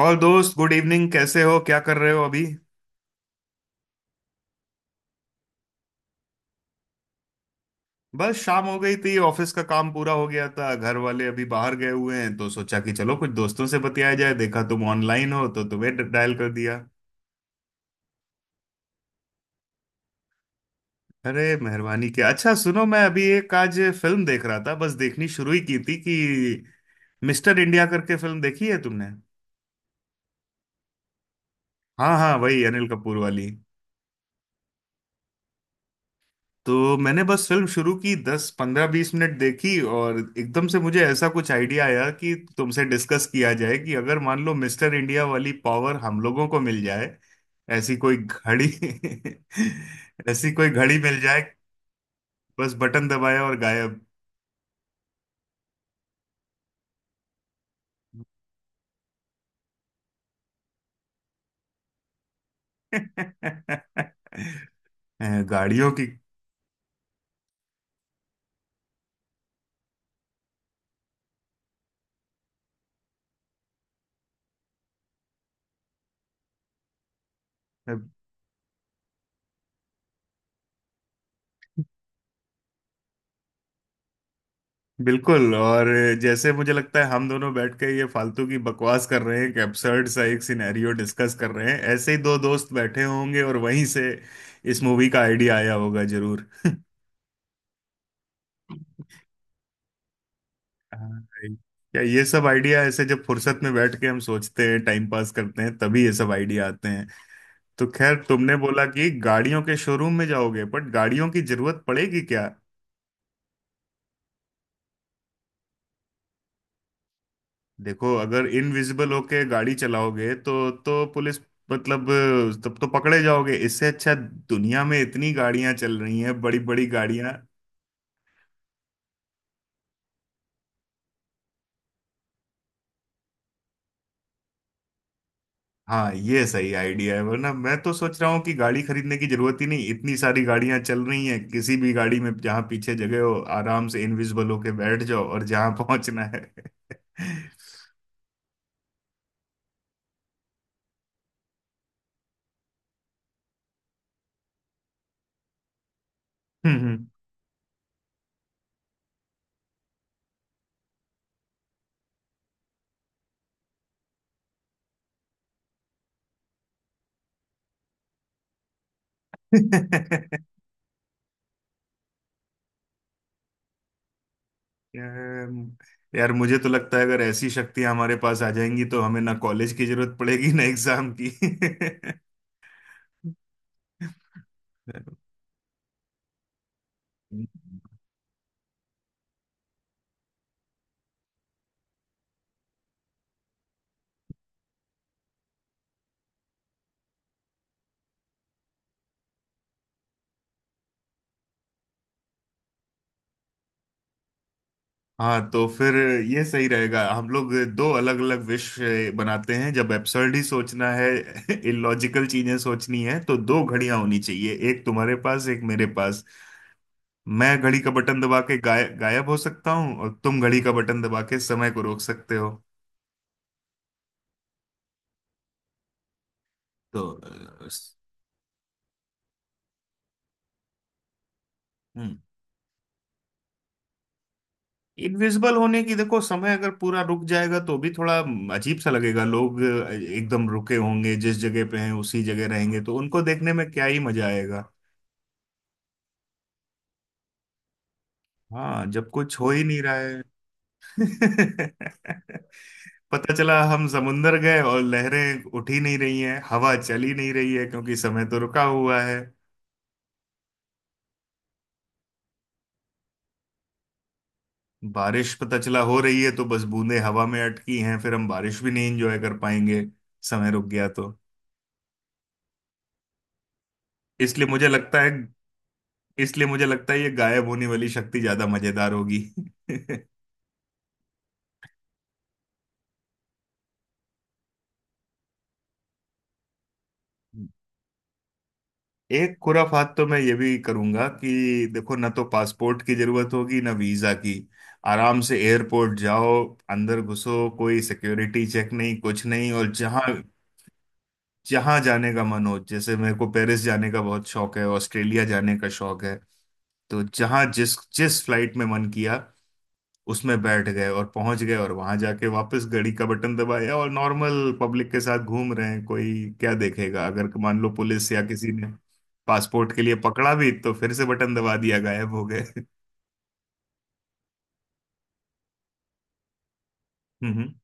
और दोस्त, good evening. कैसे हो? क्या कर रहे हो अभी? बस शाम हो गई थी, ऑफिस का काम पूरा हो गया था, घर वाले अभी बाहर गए हुए हैं, तो सोचा कि चलो कुछ दोस्तों से बतियाया जाए। देखा तुम ऑनलाइन हो तो तुम्हें डायल कर दिया। अरे मेहरबानी क्या। अच्छा सुनो, मैं अभी एक आज फिल्म देख रहा था, बस देखनी शुरू ही की थी कि मिस्टर इंडिया करके फिल्म देखी है तुमने? हाँ हाँ, वही अनिल कपूर वाली। तो मैंने बस फिल्म शुरू की, दस पंद्रह बीस मिनट देखी और एकदम से मुझे ऐसा कुछ आइडिया आया कि तुमसे डिस्कस किया जाए कि अगर मान लो मिस्टर इंडिया वाली पावर हम लोगों को मिल जाए। ऐसी कोई घड़ी ऐसी कोई घड़ी मिल जाए। बस बटन दबाया और गायब। गाड़ियों की। बिल्कुल। और जैसे मुझे लगता है हम दोनों बैठ के ये फालतू की बकवास कर रहे हैं, एक एब्सर्ड सा एक सिनेरियो डिस्कस कर रहे हैं, ऐसे ही दो दोस्त बैठे होंगे और वहीं से इस मूवी का आइडिया आया होगा जरूर। हाँ, भाई, क्या ये सब आइडिया ऐसे जब फुर्सत में बैठ के हम सोचते हैं, टाइम पास करते हैं, तभी ये सब आइडिया आते हैं। तो खैर, तुमने बोला कि गाड़ियों के शोरूम में जाओगे, बट गाड़ियों की जरूरत पड़ेगी क्या? देखो, अगर इनविजिबल होके गाड़ी चलाओगे तो पुलिस, मतलब, तब तो पकड़े जाओगे। इससे अच्छा दुनिया में इतनी गाड़ियां चल रही हैं, बड़ी बड़ी गाड़ियां। हाँ, ये सही आइडिया है। वरना मैं तो सोच रहा हूँ कि गाड़ी खरीदने की जरूरत ही नहीं, इतनी सारी गाड़ियां चल रही हैं, किसी भी गाड़ी में जहां पीछे जगह हो, आराम से इनविजिबल होके बैठ जाओ और जहां पहुंचना है। हम्म हम्म। यार यार, मुझे तो लगता है अगर ऐसी शक्तियां हमारे पास आ जाएंगी तो हमें ना कॉलेज की जरूरत पड़ेगी ना एग्जाम की। हाँ तो फिर ये सही रहेगा, हम लोग दो अलग अलग विश बनाते हैं। जब एब्सर्ड ही सोचना है, इलॉजिकल चीजें सोचनी है, तो दो घड़ियां होनी चाहिए, एक तुम्हारे पास एक मेरे पास। मैं घड़ी का बटन दबा के गायब हो सकता हूँ और तुम घड़ी का बटन दबा के समय को रोक सकते हो। तो अ, हम्म इनविजिबल होने की, देखो समय अगर पूरा रुक जाएगा तो भी थोड़ा अजीब सा लगेगा। लोग एकदम रुके होंगे, जिस जगह पे हैं उसी जगह रहेंगे, तो उनको देखने में क्या ही मजा आएगा। हाँ, जब कुछ हो ही नहीं रहा है। पता चला हम समुंदर गए और लहरें उठ ही नहीं रही हैं, हवा चल ही नहीं रही है, क्योंकि समय तो रुका हुआ है। बारिश पता चला हो रही है तो बस बूंदें हवा में अटकी हैं, फिर हम बारिश भी नहीं एंजॉय कर पाएंगे समय रुक गया तो। इसलिए मुझे लगता है इसलिए मुझे लगता है ये गायब होने वाली शक्ति ज्यादा मजेदार होगी। एक खुराफात तो मैं ये भी करूंगा कि देखो, ना तो पासपोर्ट की जरूरत होगी ना वीजा की। आराम से एयरपोर्ट जाओ, अंदर घुसो, कोई सिक्योरिटी चेक नहीं, कुछ नहीं। और जहां जहां जाने का मन हो, जैसे मेरे को पेरिस जाने का बहुत शौक है, ऑस्ट्रेलिया जाने का शौक है, तो जहां जिस जिस फ्लाइट में मन किया उसमें बैठ गए और पहुंच गए, और वहां जाके वापस घड़ी का बटन दबाया और नॉर्मल पब्लिक के साथ घूम रहे हैं। कोई क्या देखेगा? अगर मान लो पुलिस या किसी ने पासपोर्ट के लिए पकड़ा भी तो फिर से बटन दबा दिया, गायब हो गए। हम्म।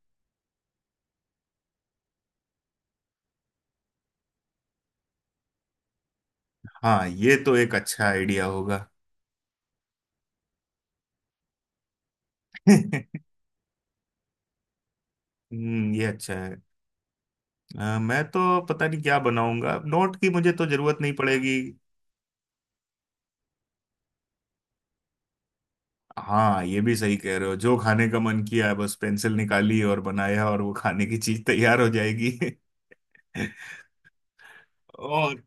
हाँ, ये तो एक अच्छा आइडिया होगा। ये अच्छा है। मैं तो पता नहीं क्या बनाऊंगा, नोट की मुझे तो जरूरत नहीं पड़ेगी। हाँ, ये भी सही कह रहे हो, जो खाने का मन किया बस पेंसिल निकाली और बनाया और वो खाने की चीज तैयार हो जाएगी। और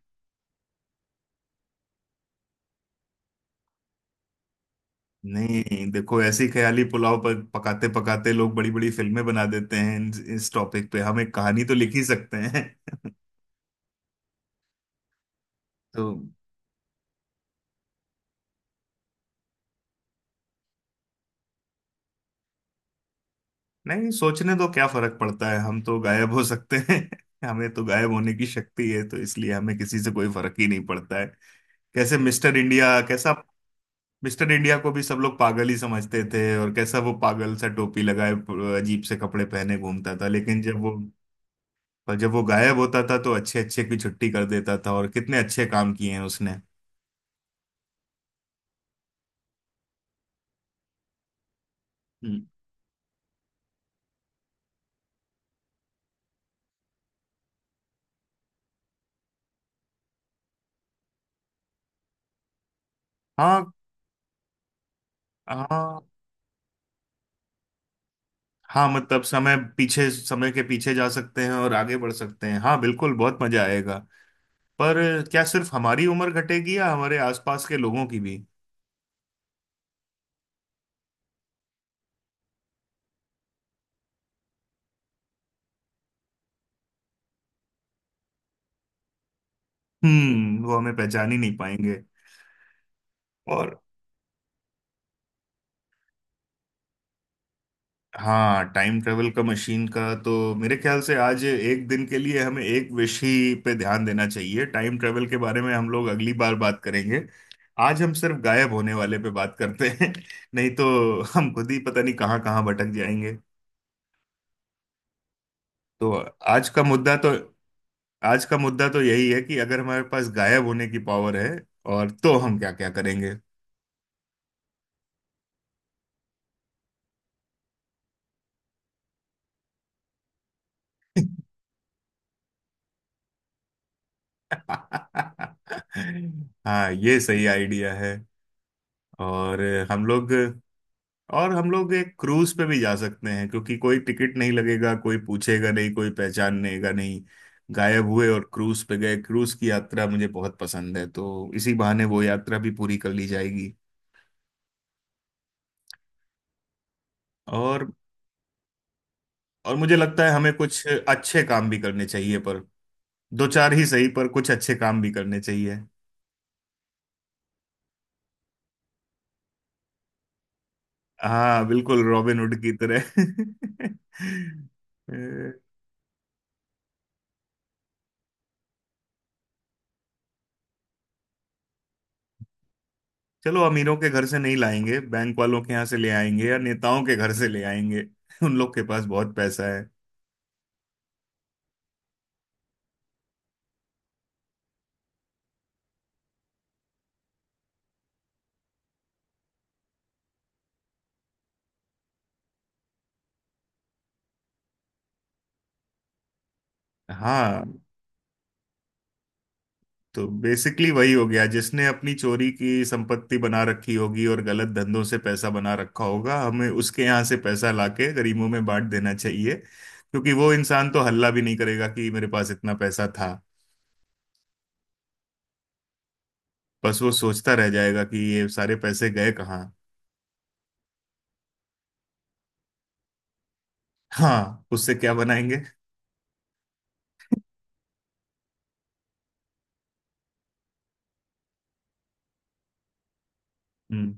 नहीं, देखो ऐसी ख्याली पुलाव पर पकाते पकाते लोग बड़ी बड़ी फिल्में बना देते हैं। इस टॉपिक पे हम एक कहानी तो लिख ही सकते हैं। तो नहीं, सोचने दो, क्या फर्क पड़ता है, हम तो गायब हो सकते हैं। हमें तो गायब होने की शक्ति है तो इसलिए हमें किसी से कोई फर्क ही नहीं पड़ता है। कैसे मिस्टर इंडिया, कैसा मिस्टर इंडिया को भी सब लोग पागल ही समझते थे। और कैसा वो पागल सा टोपी लगाए, अजीब से कपड़े पहने घूमता था, लेकिन जब वो पर जब वो गायब होता था तो अच्छे अच्छे की छुट्टी कर देता था और कितने अच्छे काम किए हैं उसने। हम्म, हाँ। हाँ, हाँ मतलब समय के पीछे जा सकते हैं और आगे बढ़ सकते हैं। हाँ बिल्कुल, बहुत मजा आएगा। पर क्या सिर्फ हमारी उम्र घटेगी या हमारे आसपास के लोगों की भी? हम्म, वो हमें पहचान ही नहीं पाएंगे। और हाँ, टाइम ट्रेवल का मशीन का तो मेरे ख्याल से आज एक दिन के लिए हमें एक विषय पे ध्यान देना चाहिए। टाइम ट्रेवल के बारे में हम लोग अगली बार बात करेंगे, आज हम सिर्फ गायब होने वाले पे बात करते हैं। नहीं तो हम खुद ही पता नहीं कहाँ कहाँ भटक जाएंगे। तो आज का मुद्दा तो आज का मुद्दा तो यही है कि अगर हमारे पास गायब होने की पावर है और तो हम क्या क्या करेंगे। हाँ, ये सही आइडिया है। और हम लोग हम लोग एक क्रूज पे भी जा सकते हैं, क्योंकि कोई टिकट नहीं लगेगा, कोई पूछेगा नहीं, कोई पहचानेगा नहीं। गायब हुए और क्रूज पे गए। क्रूज की यात्रा मुझे बहुत पसंद है, तो इसी बहाने वो यात्रा भी पूरी कर ली जाएगी। और और मुझे लगता है हमें कुछ अच्छे काम भी करने चाहिए। पर दो चार ही सही, पर कुछ अच्छे काम भी करने चाहिए। हाँ बिल्कुल, रॉबिन हुड की तरह। चलो, अमीरों के घर से नहीं लाएंगे, बैंक वालों के यहाँ से ले आएंगे या नेताओं के घर से ले आएंगे। उन लोग के पास बहुत पैसा है। हाँ, तो बेसिकली वही हो गया, जिसने अपनी चोरी की संपत्ति बना रखी होगी और गलत धंधों से पैसा बना रखा होगा, हमें उसके यहाँ से पैसा लाके गरीबों में बांट देना चाहिए, क्योंकि वो इंसान तो हल्ला भी नहीं करेगा कि मेरे पास इतना पैसा था। बस वो सोचता रह जाएगा कि ये सारे पैसे गए कहाँ। हाँ, उससे क्या बनाएंगे? हम्म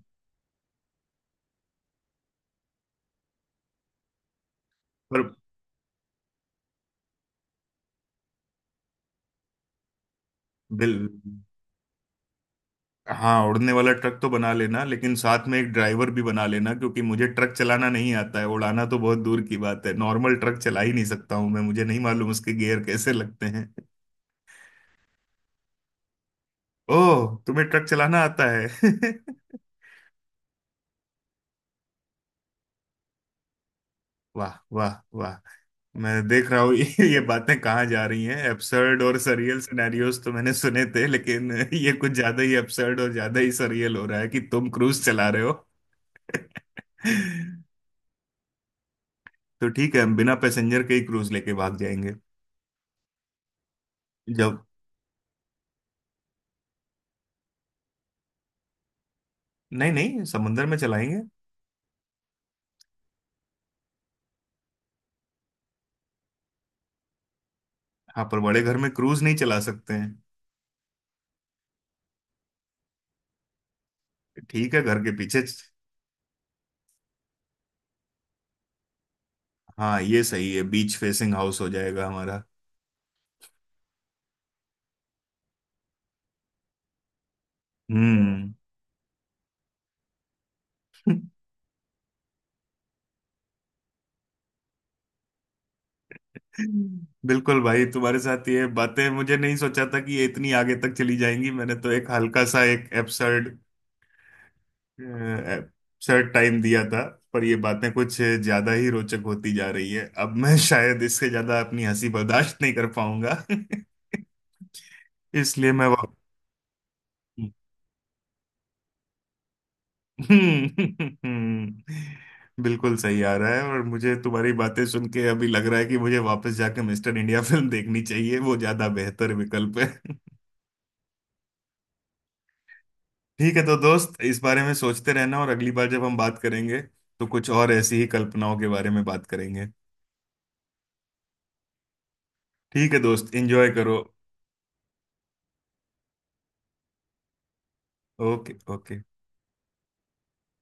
पर बिल हाँ, उड़ने वाला ट्रक तो बना लेना, लेकिन साथ में एक ड्राइवर भी बना लेना, क्योंकि मुझे ट्रक चलाना नहीं आता है, उड़ाना तो बहुत दूर की बात है, नॉर्मल ट्रक चला ही नहीं सकता हूँ मैं। मुझे नहीं मालूम उसके गियर कैसे लगते हैं। ओह, तुम्हें ट्रक चलाना आता है? वाह वाह वाह! मैं देख रहा हूँ ये बातें कहाँ जा रही हैं। एब्सर्ड और सरियल सिनेरियोस तो मैंने सुने थे, लेकिन ये कुछ ज्यादा ही एब्सर्ड और ज्यादा ही सरियल हो रहा है कि तुम क्रूज चला रहे हो। तो ठीक है, हम बिना पैसेंजर के ही क्रूज लेके भाग जाएंगे। जब नहीं नहीं, समुंदर में चलाएंगे। हाँ, पर बड़े घर में क्रूज नहीं चला सकते हैं। ठीक है, घर के पीछे। हाँ, ये सही है, बीच फेसिंग हाउस हो जाएगा हमारा। हम्म बिल्कुल भाई, तुम्हारे साथ ये बातें मुझे नहीं सोचा था कि ये इतनी आगे तक चली जाएंगी। मैंने तो एक हल्का सा एक एब्सर्ड एब्सर्ड टाइम दिया था, पर ये बातें कुछ ज्यादा ही रोचक होती जा रही है। अब मैं शायद इससे ज्यादा अपनी हंसी बर्दाश्त नहीं कर पाऊंगा। इसलिए मैं वा- हम्म। बिल्कुल सही आ रहा है, और मुझे तुम्हारी बातें सुन के अभी लग रहा है कि मुझे वापस जाकर मिस्टर इंडिया फिल्म देखनी चाहिए, वो ज्यादा बेहतर विकल्प है। ठीक है, तो दोस्त इस बारे में सोचते रहना, और अगली बार जब हम बात करेंगे तो कुछ और ऐसी ही कल्पनाओं के बारे में बात करेंगे। ठीक है दोस्त, एंजॉय करो। Okay okay.